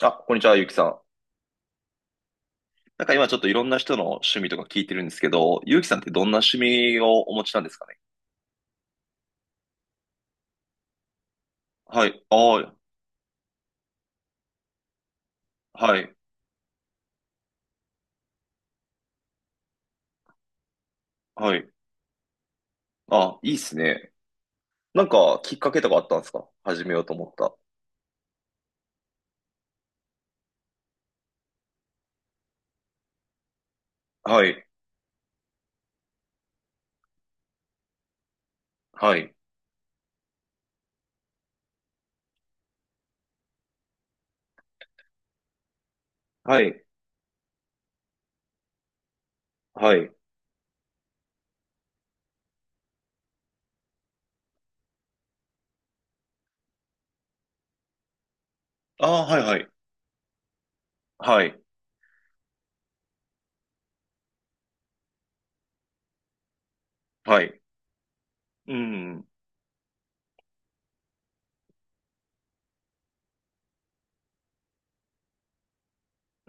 あ、こんにちは、ゆうきさん。今ちょっといろんな人の趣味とか聞いてるんですけど、ゆうきさんってどんな趣味をお持ちなんですかね？はい、ああ、はい、はい。あ、いいっすね。きっかけとかあったんですか？始めようと思った。はい、はい、はい、はい。ああ、はい、はい、はい、はい。うん。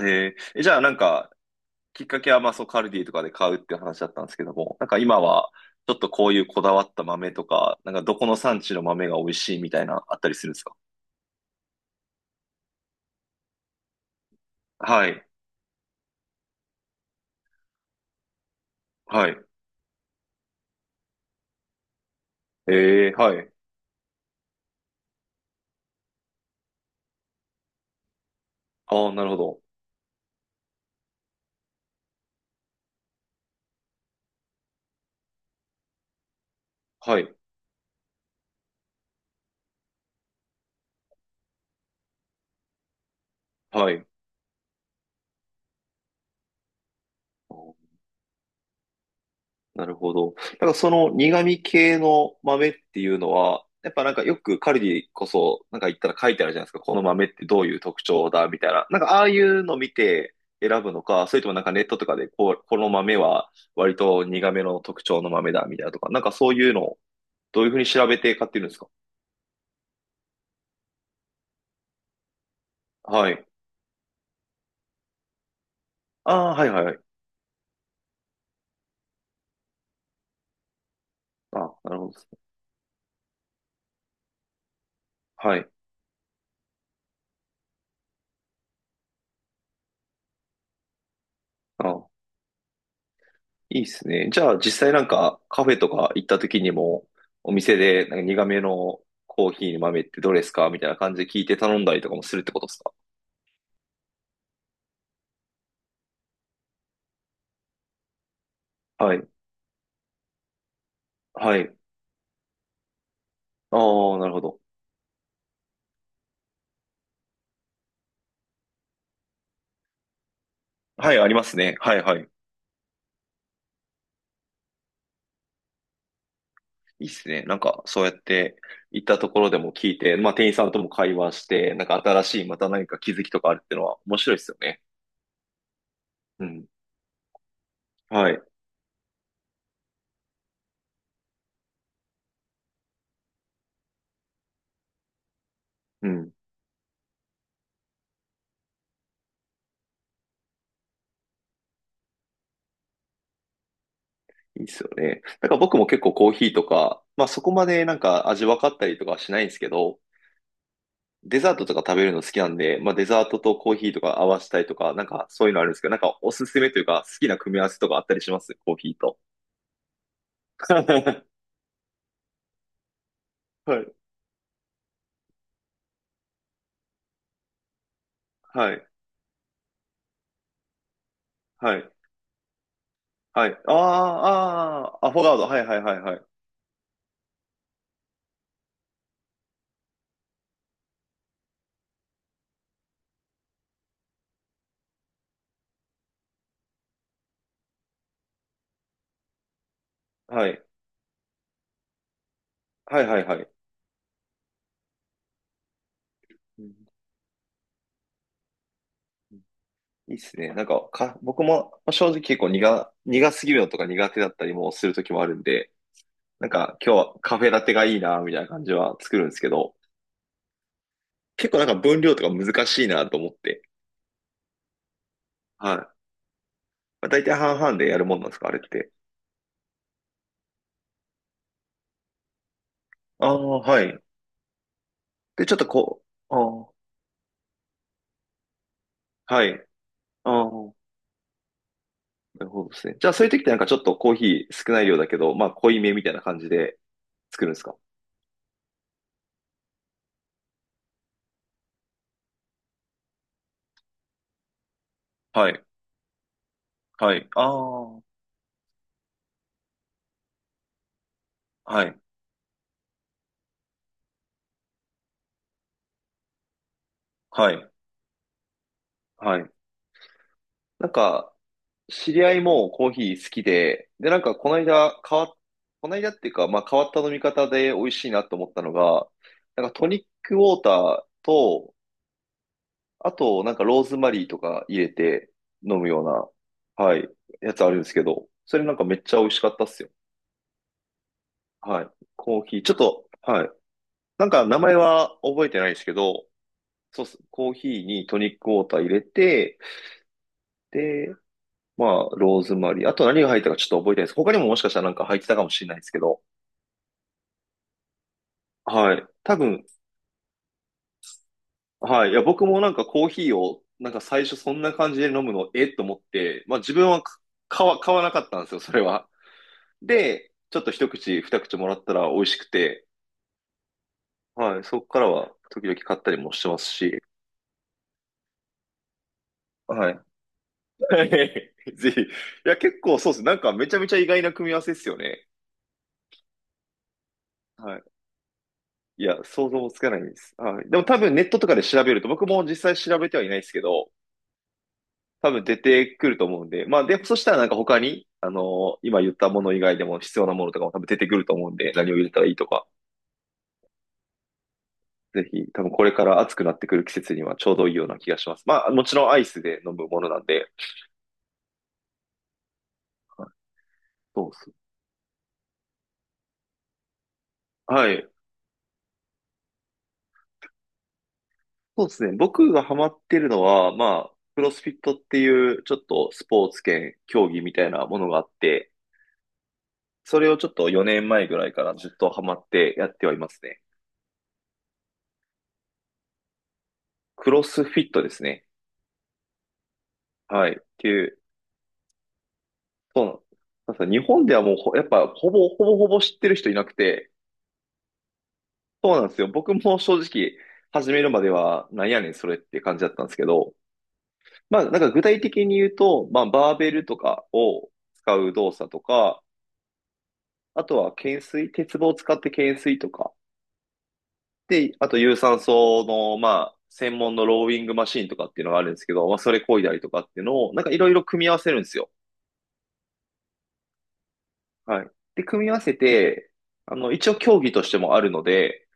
えーえじゃあきっかけはまあそう、カルディとかで買うっていう話だったんですけども、なんか今は、ちょっとこういうこだわった豆とか、なんか、どこの産地の豆が美味しいみたいな、あったりするんですか？はい。はい。ええ、はい。ああ、なるほど。はい。はい。あー、なるほど。その苦味系の豆っていうのは、やっぱよくカルディこそ、なんか言ったら書いてあるじゃないですか。この豆ってどういう特徴だ、みたいな。なんかああいうの見て選ぶのか、それともなんかネットとかでこう、この豆は割と苦めの特徴の豆だ、みたいなとか。なんか。そういうのをどういうふうに調べて買ってるんですか？はい。ああ、はいはいはい。ああ、なるほどですね。はい。ああ、いいっすね。じゃあ実際なんかカフェとか行った時にもお店でなんか苦めのコーヒーの豆ってどれですかみたいな感じで聞いて頼んだりとかもするってことですか？はい。はい。ああ、なるほど。はい、ありますね。はいはい。いいっすね。なんかそうやって行ったところでも聞いて、まあ店員さんとも会話して、なんか新しいまた何か気づきとかあるってのは面白いっすよね。うん。はい。うん。いいっすよね。なんか僕も結構コーヒーとか、まあそこまでなんか味分かったりとかはしないんですけど、デザートとか食べるの好きなんで、まあ、デザートとコーヒーとか合わせたいとか、なんかそういうのあるんですけど、なんかおすすめというか、好きな組み合わせとかあったりします？コーヒーと。はい、はい、はい、はい。ああ、ああ、アフォガード。はい、はい、はい、はい。はい、はい、はい、はい。うん。いいっすね。僕もまあ正直結構苦すぎるのとか苦手だったりもする時もあるんで、なんか今日はカフェラテがいいな、みたいな感じは作るんですけど、結構なんか分量とか難しいなと思って。はい。まあ大体半々でやるもんなんですか、あれって。ああ、はい。で、ちょっとこう、ああ、はい。ああ、なるほどですね。じゃあ、そういう時ってなんかちょっとコーヒー少ない量だけど、まあ、濃いめみたいな感じで作るんですか？はい、はい。ああ、はい、はい、はい。なんか、知り合いもコーヒー好きで、で、なんか、この間っていうか、まあ、変わった飲み方で美味しいなと思ったのが、なんか、トニックウォーターと、あと、なんかローズマリーとか入れて飲むような、はい、やつあるんですけど、それなんかめっちゃ美味しかったっすよ。はい。コーヒー、ちょっと、はい。なんか名前は覚えてないですけど、そうっす。コーヒーにトニックウォーター入れて、で、まあ、ローズマリー。あと何が入ったかちょっと覚えてないです。他にももしかしたらなんか入ってたかもしれないですけど、はい。多分、はい。いや、僕もなんかコーヒーを、なんか最初そんな感じで飲むの、えっと思って、まあ自分はか買わ、買わなかったんですよ、それは。で、ちょっと一口、二口もらったら美味しくて、はい、そこからは時々買ったりもしてますし、はい。ぜひ。いや、結構そうです。なんかめちゃめちゃ意外な組み合わせですよね。はい。いや、想像もつかないです。はい。でも多分ネットとかで調べると、僕も実際調べてはいないですけど、多分出てくると思うんで、まあ、で、そしたらなんか他に、今言ったもの以外でも必要なものとかも多分出てくると思うんで、何を入れたらいいとか、ぜひ、多分これから暑くなってくる季節にはちょうどいいような気がします。まあ、もちろんアイスで飲むものなんで。はい。そうっす。はい。そうですね。僕がハマってるのは、まあ、クロスフィットっていうちょっとスポーツ兼競技みたいなものがあって、それをちょっと4年前ぐらいからずっとハマってやってはいますね。クロスフィットですね。はい。っていう、そうなんです。なんか日本ではもうほやっぱほぼ、ほぼほぼ知ってる人いなくて、そうなんですよ。僕も正直、始めるまでは、なんやねん、それって感じだったんですけど、まあ、なんか具体的に言うと、まあ、バーベルとかを使う動作とか、あとは懸垂、鉄棒を使って懸垂とか、で、あと有酸素の、まあ、専門のローイングマシンとかっていうのがあるんですけど、まあ、それ漕いだりとかっていうのを、なんかいろいろ組み合わせるんですよ。はい。で、組み合わせて、一応競技としてもあるので、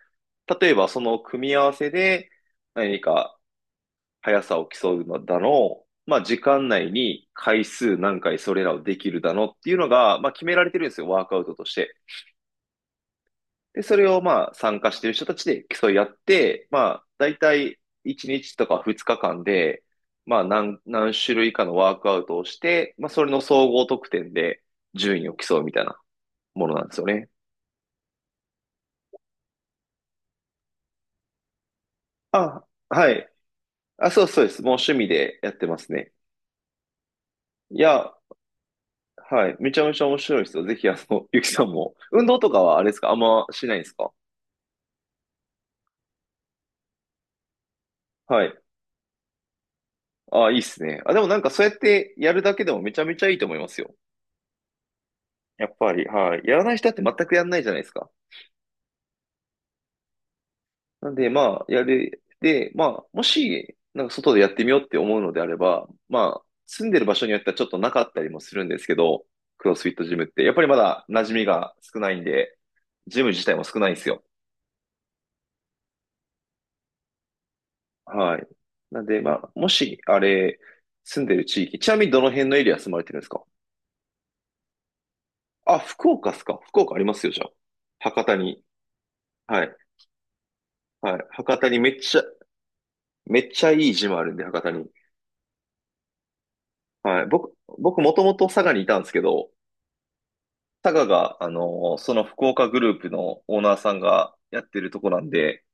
例えばその組み合わせで、何か速さを競うのだの、まあ、時間内に回数何回それらをできるだのっていうのが、まあ、決められてるんですよ、ワークアウトとして。で、それをまあ、参加してる人たちで競い合って、まあ、だいたい1日とか2日間で、まあ、何種類かのワークアウトをして、まあ、それの総合得点で順位を競うみたいなものなんですよね。あ、はい。あ、そうそうです。もう趣味でやってますね。いや、はい。めちゃめちゃ面白いですよ。ぜひ、ゆきさんも。運動とかはあれですかあんましないんですか？はい。ああ、いいっすね。あ、でもなんかそうやってやるだけでもめちゃめちゃいいと思いますよ。やっぱり、はい。やらない人だって全くやんないじゃないですか。なんで、まあ、やる。で、まあ、もし、なんか外でやってみようって思うのであれば、まあ、住んでる場所によってはちょっとなかったりもするんですけど、クロスフィットジムって。やっぱりまだ馴染みが少ないんで、ジム自体も少ないんですよ。はい。なんで、まあ、もし、あれ、住んでる地域、ちなみにどの辺のエリア住まれてるんですか？あ、福岡っすか？福岡ありますよ、じゃあ。博多に。はい。はい。博多にめっちゃ、めっちゃいいジムあるんで、博多に。はい。僕もともと佐賀にいたんですけど、佐賀が、あのーその福岡グループのオーナーさんがやってるとこなんで、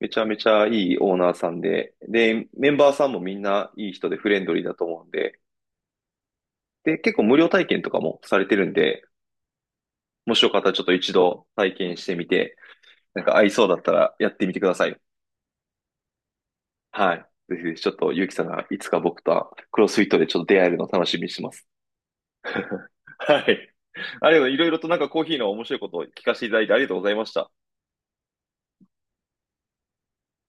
めちゃめちゃいいオーナーさんで、で、メンバーさんもみんないい人でフレンドリーだと思うんで、で、結構無料体験とかもされてるんで、もしよかったらちょっと一度体験してみて、なんか合いそうだったらやってみてください。はい。ぜひぜひちょっとゆうきさんがいつか僕とクロスフィットでちょっと出会えるのを楽しみにしてます。はい。ありがとう。いろいろとなんかコーヒーの面白いことを聞かせていただいてありがとうございました。